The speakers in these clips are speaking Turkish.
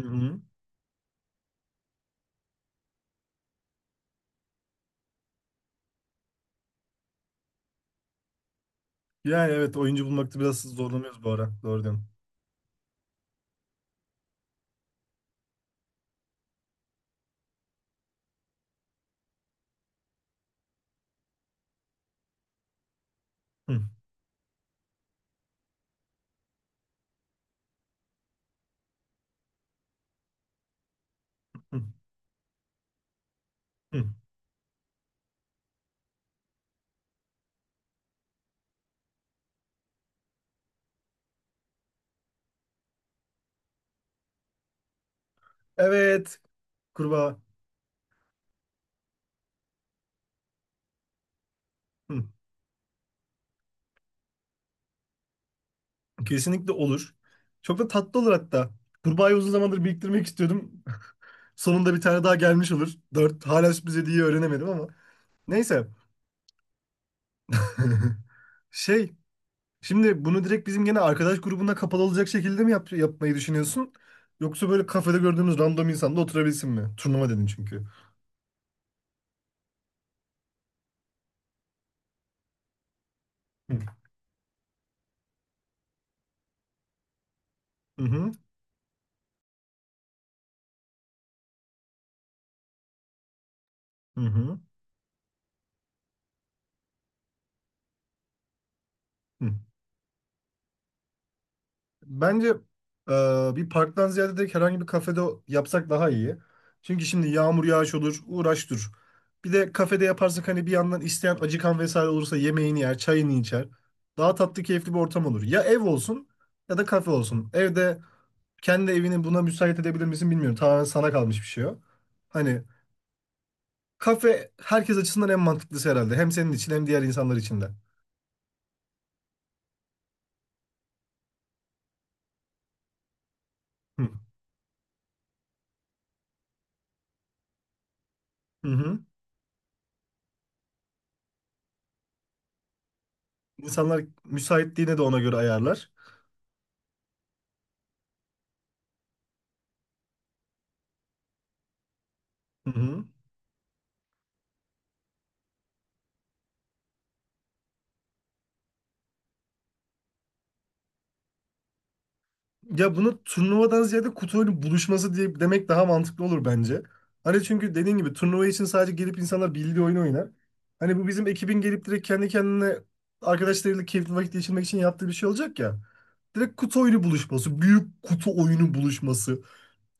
Hı hı. Yani evet, oyuncu bulmakta biraz zorlanıyoruz bu ara. Doğru diyorsun. Hı, hı, hı. Evet. Kurbağa. Hı. Kesinlikle olur. Çok da tatlı olur hatta. Kurbağayı uzun zamandır biriktirmek istiyordum. Sonunda bir tane daha gelmiş olur. Dört. Hala sürpriz hediyeyi öğrenemedim ama. Neyse. Şey. Şimdi bunu direkt bizim gene arkadaş grubunda kapalı olacak şekilde mi yapmayı düşünüyorsun? Yoksa böyle kafede gördüğümüz random insanla oturabilsin mi? Turnuva dedin çünkü. Hı hı. Hı hı. Hı. Bence e, bir parktan ziyade direkt herhangi bir kafede yapsak daha iyi. Çünkü şimdi yağmur yağış olur, uğraş dur. Bir de kafede yaparsak hani bir yandan isteyen acıkan vesaire olursa yemeğini yer, çayını içer. Daha tatlı, keyifli bir ortam olur. Ya ev olsun ya da kafe olsun. Evde kendi evini buna müsait edebilir misin bilmiyorum. Tamamen sana kalmış bir şey o. Hani kafe herkes açısından en mantıklısı herhalde. Hem senin için hem diğer insanlar için de. Hı hı. Hı. İnsanlar müsaitliğine de ona göre ayarlar. Hı hı. Ya bunu turnuvadan ziyade kutu oyunu buluşması diye demek daha mantıklı olur bence. Hani çünkü dediğin gibi turnuva için sadece gelip insanlar bildiği oyunu oynar. Hani bu bizim ekibin gelip direkt kendi kendine arkadaşlarıyla keyifli vakit geçirmek için yaptığı bir şey olacak ya. Direkt kutu oyunu buluşması, büyük kutu oyunu buluşması,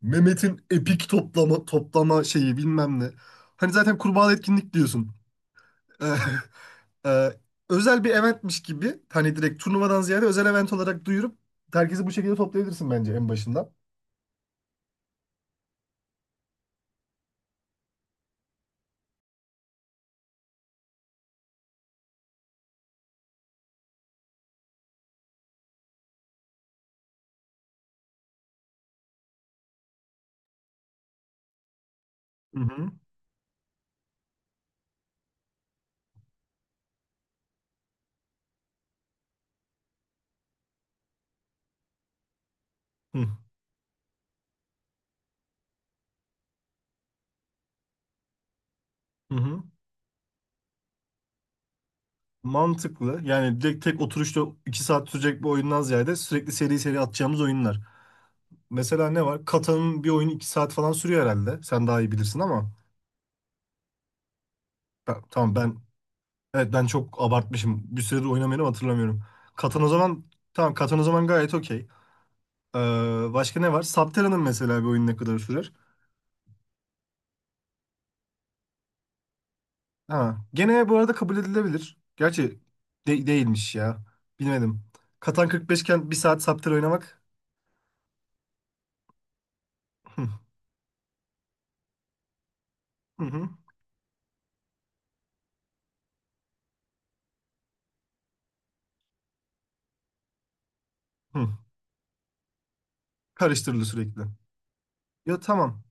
Mehmet'in epik toplama toplama şeyi bilmem ne. Hani zaten kurbağa etkinlik diyorsun. e, özel bir eventmiş gibi hani direkt turnuvadan ziyade özel event olarak duyurup herkesi bu şekilde toplayabilirsin bence en başından. Hı hı. Hı hı. Hı. Mantıklı. Yani direkt tek oturuşta 2 saat sürecek bir oyundan ziyade sürekli seri seri atacağımız oyunlar. Mesela ne var? Katan'ın bir oyunu 2 saat falan sürüyor herhalde. Sen daha iyi bilirsin ama ben, tamam, ben, evet, ben çok abartmışım. Bir süredir oynamayanı hatırlamıyorum. Katan o zaman. Tamam, Katan o zaman gayet okey. Ee, başka ne var? Subterra'nın mesela bir oyun ne kadar sürer? Ha, gene bu arada kabul edilebilir. Gerçi değilmiş ya. Bilmedim. Katan 45 iken bir saat Subterra oynamak. Hı, hı, hı, hı. Karıştırılır sürekli. Ya tamam.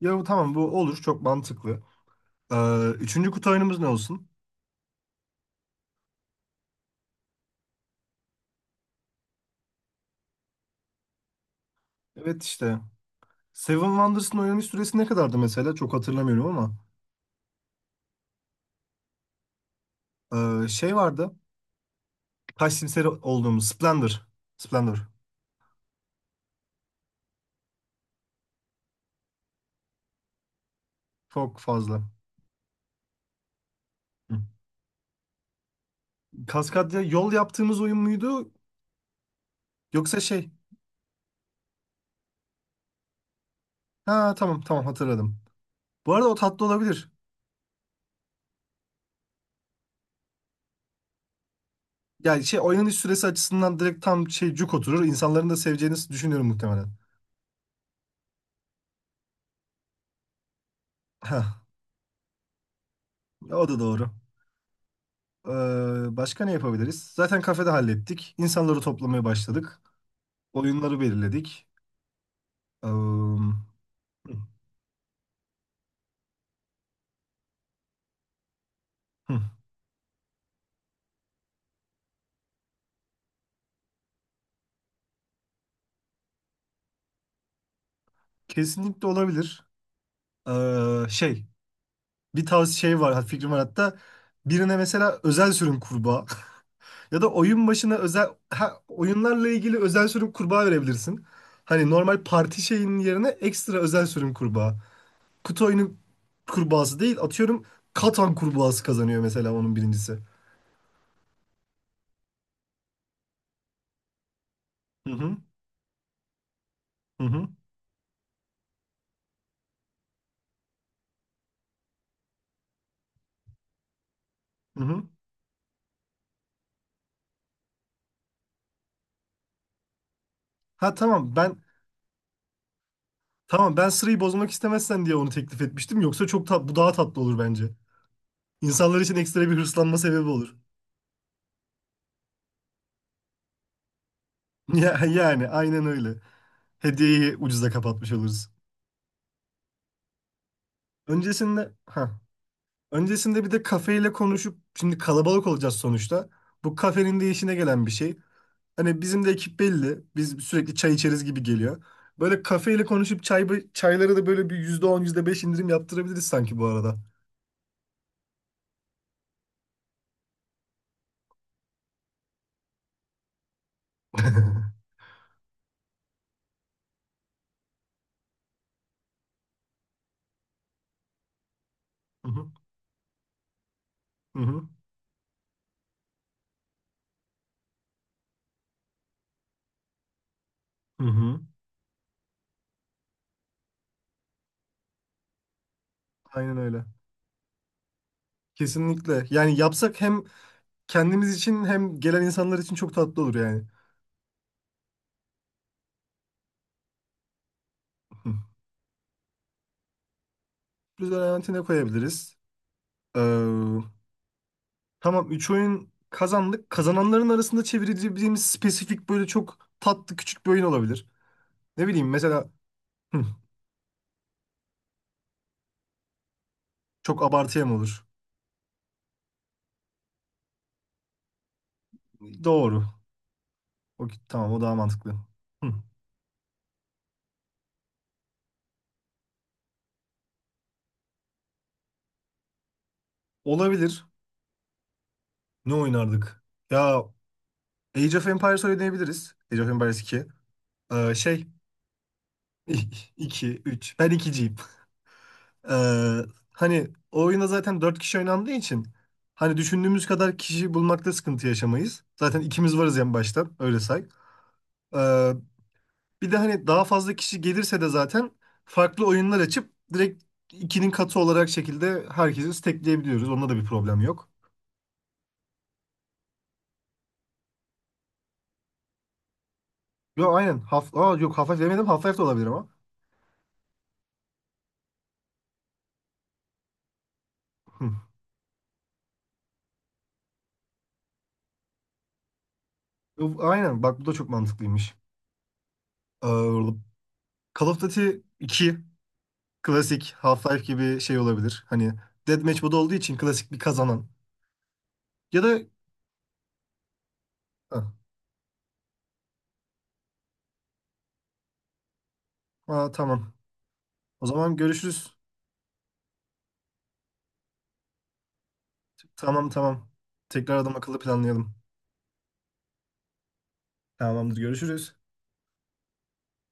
Ya tamam, bu olur, çok mantıklı. Üçüncü kutu oyunumuz ne olsun? Evet işte. Seven Wonders'ın oynanış süresi ne kadardı mesela? Çok hatırlamıyorum ama. Şey vardı. Taş simseri olduğumuz Splendor. Splendor. Çok fazla. Hı. Kaskadya yol yaptığımız oyun muydu? Yoksa şey. Ha tamam, tamam, hatırladım. Bu arada o tatlı olabilir. Yani şey oynanış süresi açısından direkt tam şey cuk oturur. İnsanların da seveceğini düşünüyorum muhtemelen. Ha, o da doğru. Başka ne yapabiliriz? Zaten kafede hallettik. İnsanları toplamaya başladık. Oyunları belirledik. Hı, hı. Kesinlikle olabilir. Şey. Bir tavsiye şey var, fikrim var hatta. Birine mesela özel sürüm kurbağa. Ya da oyun başına özel, oyunlarla ilgili özel sürüm kurbağa verebilirsin. Hani normal parti şeyinin yerine ekstra özel sürüm kurbağa. Kutu oyunu kurbağası değil, atıyorum, Katan kurbağası kazanıyor mesela onun birincisi. Hı hı, hı hı. Hı hı. Ha tamam, ben, tamam, ben sırayı bozmak istemezsen diye onu teklif etmiştim. Yoksa bu daha tatlı olur bence. İnsanlar için ekstra bir hırslanma sebebi olur. Ya, yani aynen öyle. Hediyeyi ucuza kapatmış oluruz. Öncesinde ha öncesinde bir de kafeyle konuşup şimdi kalabalık olacağız sonuçta. Bu kafenin de işine gelen bir şey. Hani bizim de ekip belli. Biz sürekli çay içeriz gibi geliyor. Böyle kafeyle konuşup çayları da böyle bir %10, yüzde beş indirim yaptırabiliriz sanki bu arada. Hı hı, hı hı, hı hı. Aynen öyle. Kesinlikle. Yani yapsak hem kendimiz için hem gelen insanlar için çok tatlı olur yani. Hı. Biz de Valentin'e koyabiliriz. Ee, Tamam, 3 oyun kazandık. Kazananların arasında çevirebileceğimiz spesifik böyle çok tatlı küçük bir oyun olabilir. Ne bileyim mesela hı, çok abartıya mı olur? Doğru. O, tamam, o daha mantıklı. Hı. Olabilir. Ne oynardık? Ya Age of Empires oynayabiliriz. Age of Empires iki. Şey. 2 3. Ben 2'ciyim. Ee, hani o oyunda zaten 4 kişi oynandığı için hani düşündüğümüz kadar kişi bulmakta sıkıntı yaşamayız. Zaten ikimiz varız en başta. Öyle say. Ee, Bir de hani daha fazla kişi gelirse de zaten farklı oyunlar açıp direkt ikinin katı olarak şekilde herkesi stackleyebiliyoruz. Onda da bir problem yok. Yo aynen. Yok, Half-Life demedim. Half-Life de olabilir ama. Hı. Yo, aynen. Bak bu da çok mantıklıymış. Ee, Call of Duty 2 klasik Half-Life gibi şey olabilir. Hani Deathmatch modu olduğu için klasik bir kazanan. Ya da ha, tamam. O zaman görüşürüz. Tamam, tamam. Tekrar adam akıllı planlayalım. Tamamdır, görüşürüz.